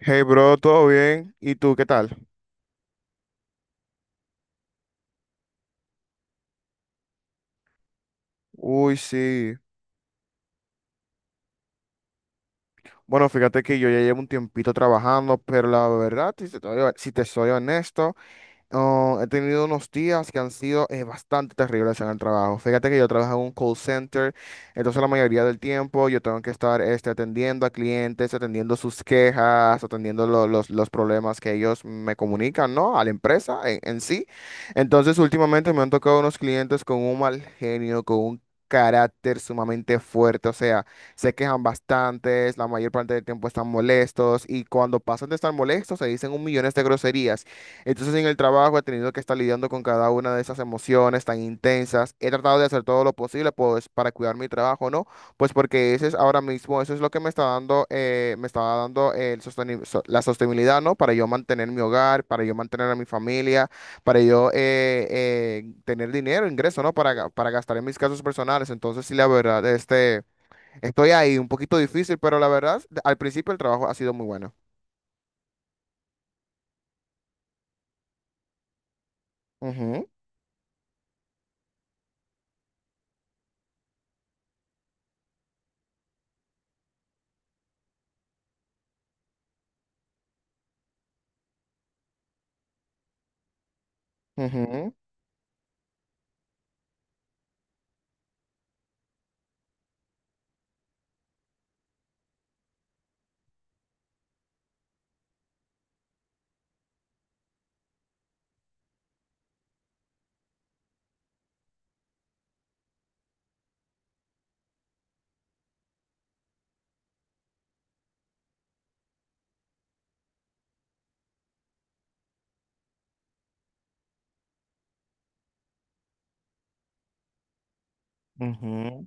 Hey bro, ¿todo bien? ¿Y tú qué tal? Uy, sí. Bueno, fíjate que yo ya llevo un tiempito trabajando, pero la verdad, si te soy honesto. Oh, he tenido unos días que han sido bastante terribles en el trabajo. Fíjate que yo trabajo en un call center, entonces la mayoría del tiempo yo tengo que estar este, atendiendo a clientes, atendiendo sus quejas, atendiendo los problemas que ellos me comunican, ¿no? A la empresa en sí. Entonces últimamente me han tocado unos clientes con un mal genio, con un carácter sumamente fuerte, o sea, se quejan bastantes, la mayor parte del tiempo están molestos y cuando pasan de estar molestos se dicen un millón de groserías. Entonces en el trabajo he tenido que estar lidiando con cada una de esas emociones tan intensas. He tratado de hacer todo lo posible pues para cuidar mi trabajo, ¿no? Pues porque ese es ahora mismo, eso es lo que me está dando la sostenibilidad, ¿no? Para yo mantener mi hogar, para yo mantener a mi familia, para yo tener dinero, ingreso, ¿no? Para gastar en mis casos personales. Entonces sí, la verdad, estoy ahí un poquito difícil, pero la verdad, al principio el trabajo ha sido muy bueno. Ujú, ujú. Ujú.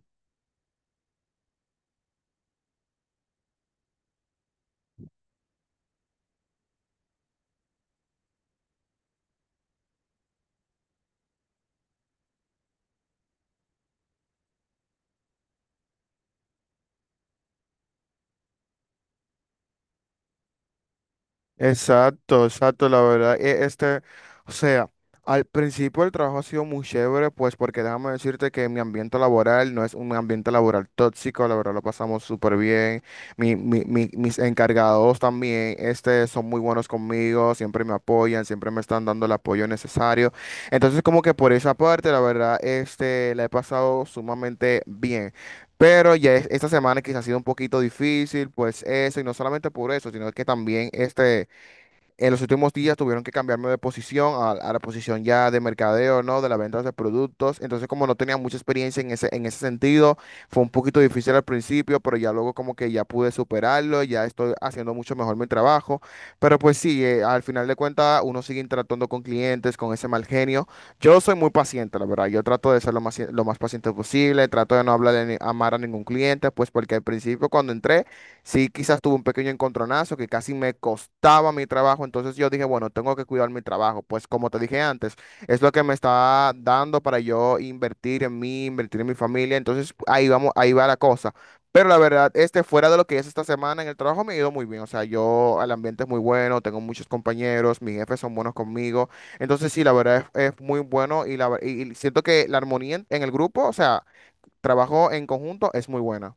Exacto, exacto, la verdad, o sea, al principio el trabajo ha sido muy chévere, pues porque déjame decirte que mi ambiente laboral no es un ambiente laboral tóxico, la verdad lo pasamos súper bien, mis encargados también, son muy buenos conmigo, siempre me apoyan, siempre me están dando el apoyo necesario, entonces como que por esa parte, la verdad, la he pasado sumamente bien. Pero ya esta semana quizás ha sido un poquito difícil, pues eso, y no solamente por eso, sino que también en los últimos días tuvieron que cambiarme de posición a la posición ya de mercadeo, ¿no? De la venta de productos. Entonces, como no tenía mucha experiencia en ese sentido, fue un poquito difícil al principio, pero ya luego como que ya pude superarlo, ya estoy haciendo mucho mejor mi trabajo. Pero pues sí, al final de cuentas uno sigue interactuando con clientes, con ese mal genio. Yo soy muy paciente, la verdad. Yo trato de ser lo más paciente posible, trato de no hablar a, ni- a mal a ningún cliente, pues porque al principio cuando entré. Sí, quizás tuve un pequeño encontronazo que casi me costaba mi trabajo, entonces yo dije, bueno, tengo que cuidar mi trabajo, pues como te dije antes, es lo que me está dando para yo invertir en mí, invertir en mi familia, entonces ahí vamos, ahí va la cosa. Pero la verdad, este fuera de lo que es esta semana en el trabajo me ha ido muy bien, o sea, yo, el ambiente es muy bueno, tengo muchos compañeros, mis jefes son buenos conmigo, entonces sí, la verdad es muy bueno y siento que la armonía en el grupo, o sea, trabajo en conjunto es muy buena.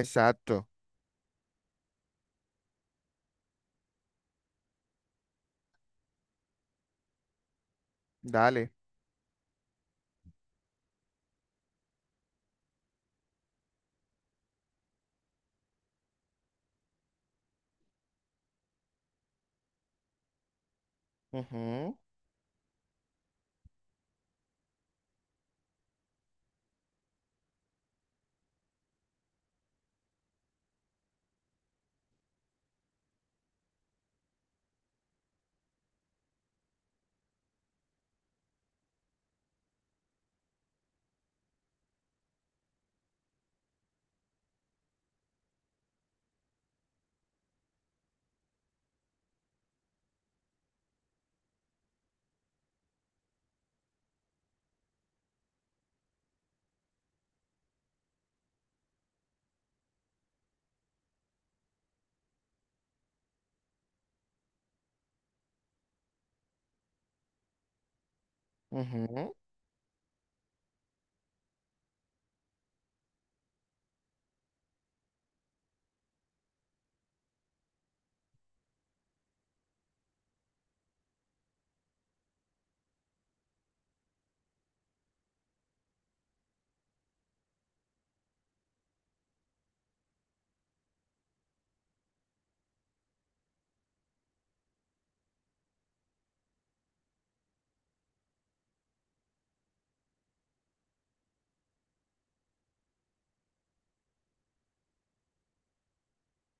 Exacto, dale. Ujú, ujú.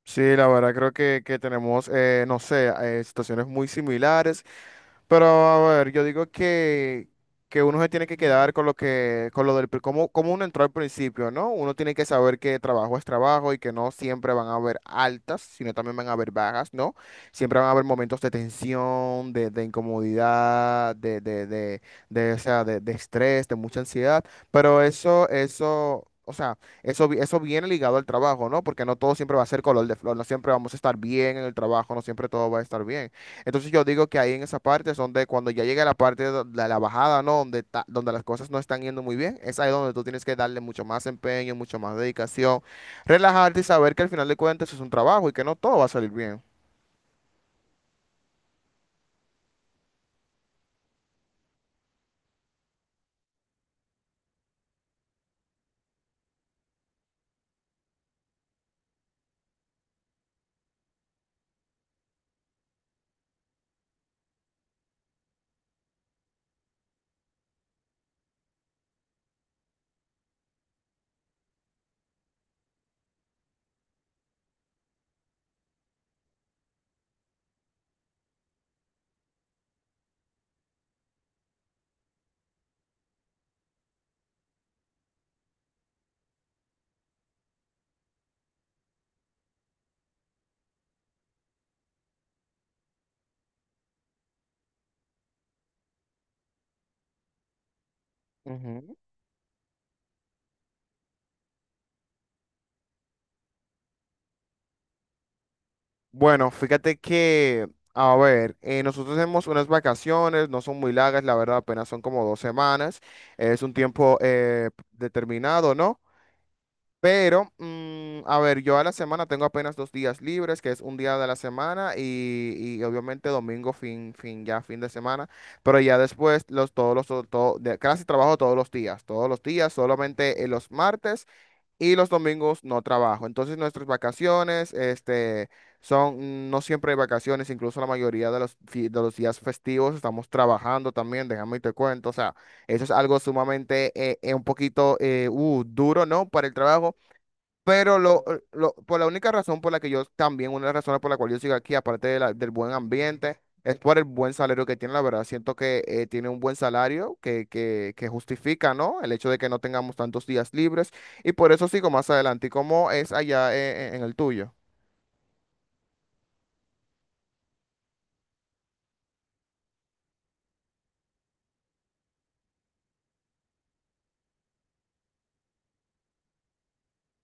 Sí, la verdad creo que tenemos, no sé, situaciones muy similares, pero a ver, yo digo que uno se tiene que quedar con lo que, con lo del, pri- cómo uno entró al principio, ¿no? Uno tiene que saber que trabajo es trabajo y que no siempre van a haber altas, sino también van a haber bajas, ¿no? Siempre van a haber momentos de tensión, de incomodidad, o sea, de estrés, de mucha ansiedad, pero eso. O sea, eso viene ligado al trabajo, ¿no? Porque no todo siempre va a ser color de flor, no siempre vamos a estar bien en el trabajo, no siempre todo va a estar bien. Entonces yo digo que ahí en esa parte es donde cuando ya llega la parte de la bajada, ¿no? Donde las cosas no están yendo muy bien, es ahí donde tú tienes que darle mucho más empeño, mucho más dedicación, relajarte y saber que al final de cuentas es un trabajo y que no todo va a salir bien. Bueno, fíjate que, a ver, nosotros tenemos unas vacaciones, no son muy largas, la verdad, apenas son como 2 semanas, es un tiempo determinado, ¿no? Pero, a ver, yo a la semana tengo apenas 2 días libres, que es un día de la semana y obviamente domingo, ya fin de semana, pero ya después los, todos los, todo, de, casi trabajo todos los días, solamente los martes y los domingos no trabajo. Entonces nuestras vacaciones, no siempre hay vacaciones, incluso la mayoría de los días festivos estamos trabajando también, déjame y te cuento. O sea, eso es algo sumamente, un poquito, duro, ¿no? Para el trabajo. Pero por la única razón por la que yo también, una de las razones por la cual yo sigo aquí, aparte de del buen ambiente, es por el buen salario que tiene. La verdad, siento que tiene un buen salario que justifica, ¿no? El hecho de que no tengamos tantos días libres. Y por eso sigo más adelante. ¿Y cómo es allá el tuyo?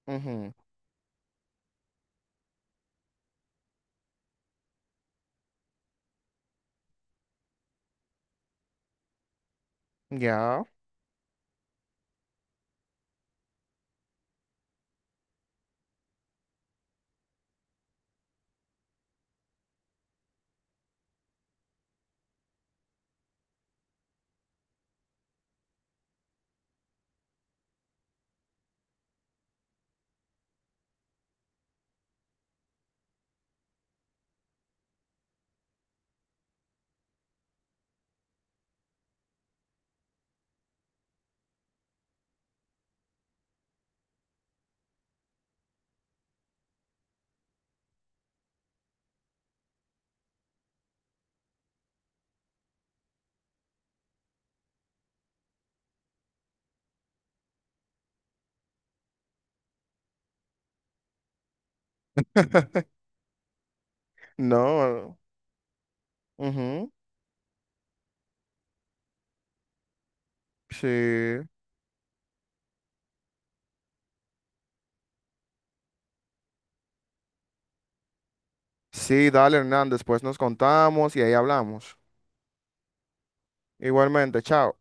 Ujú. Ya. No. Ujú. Sí. Sí, dale, Hernández, después nos contamos y ahí hablamos. Igualmente, chao.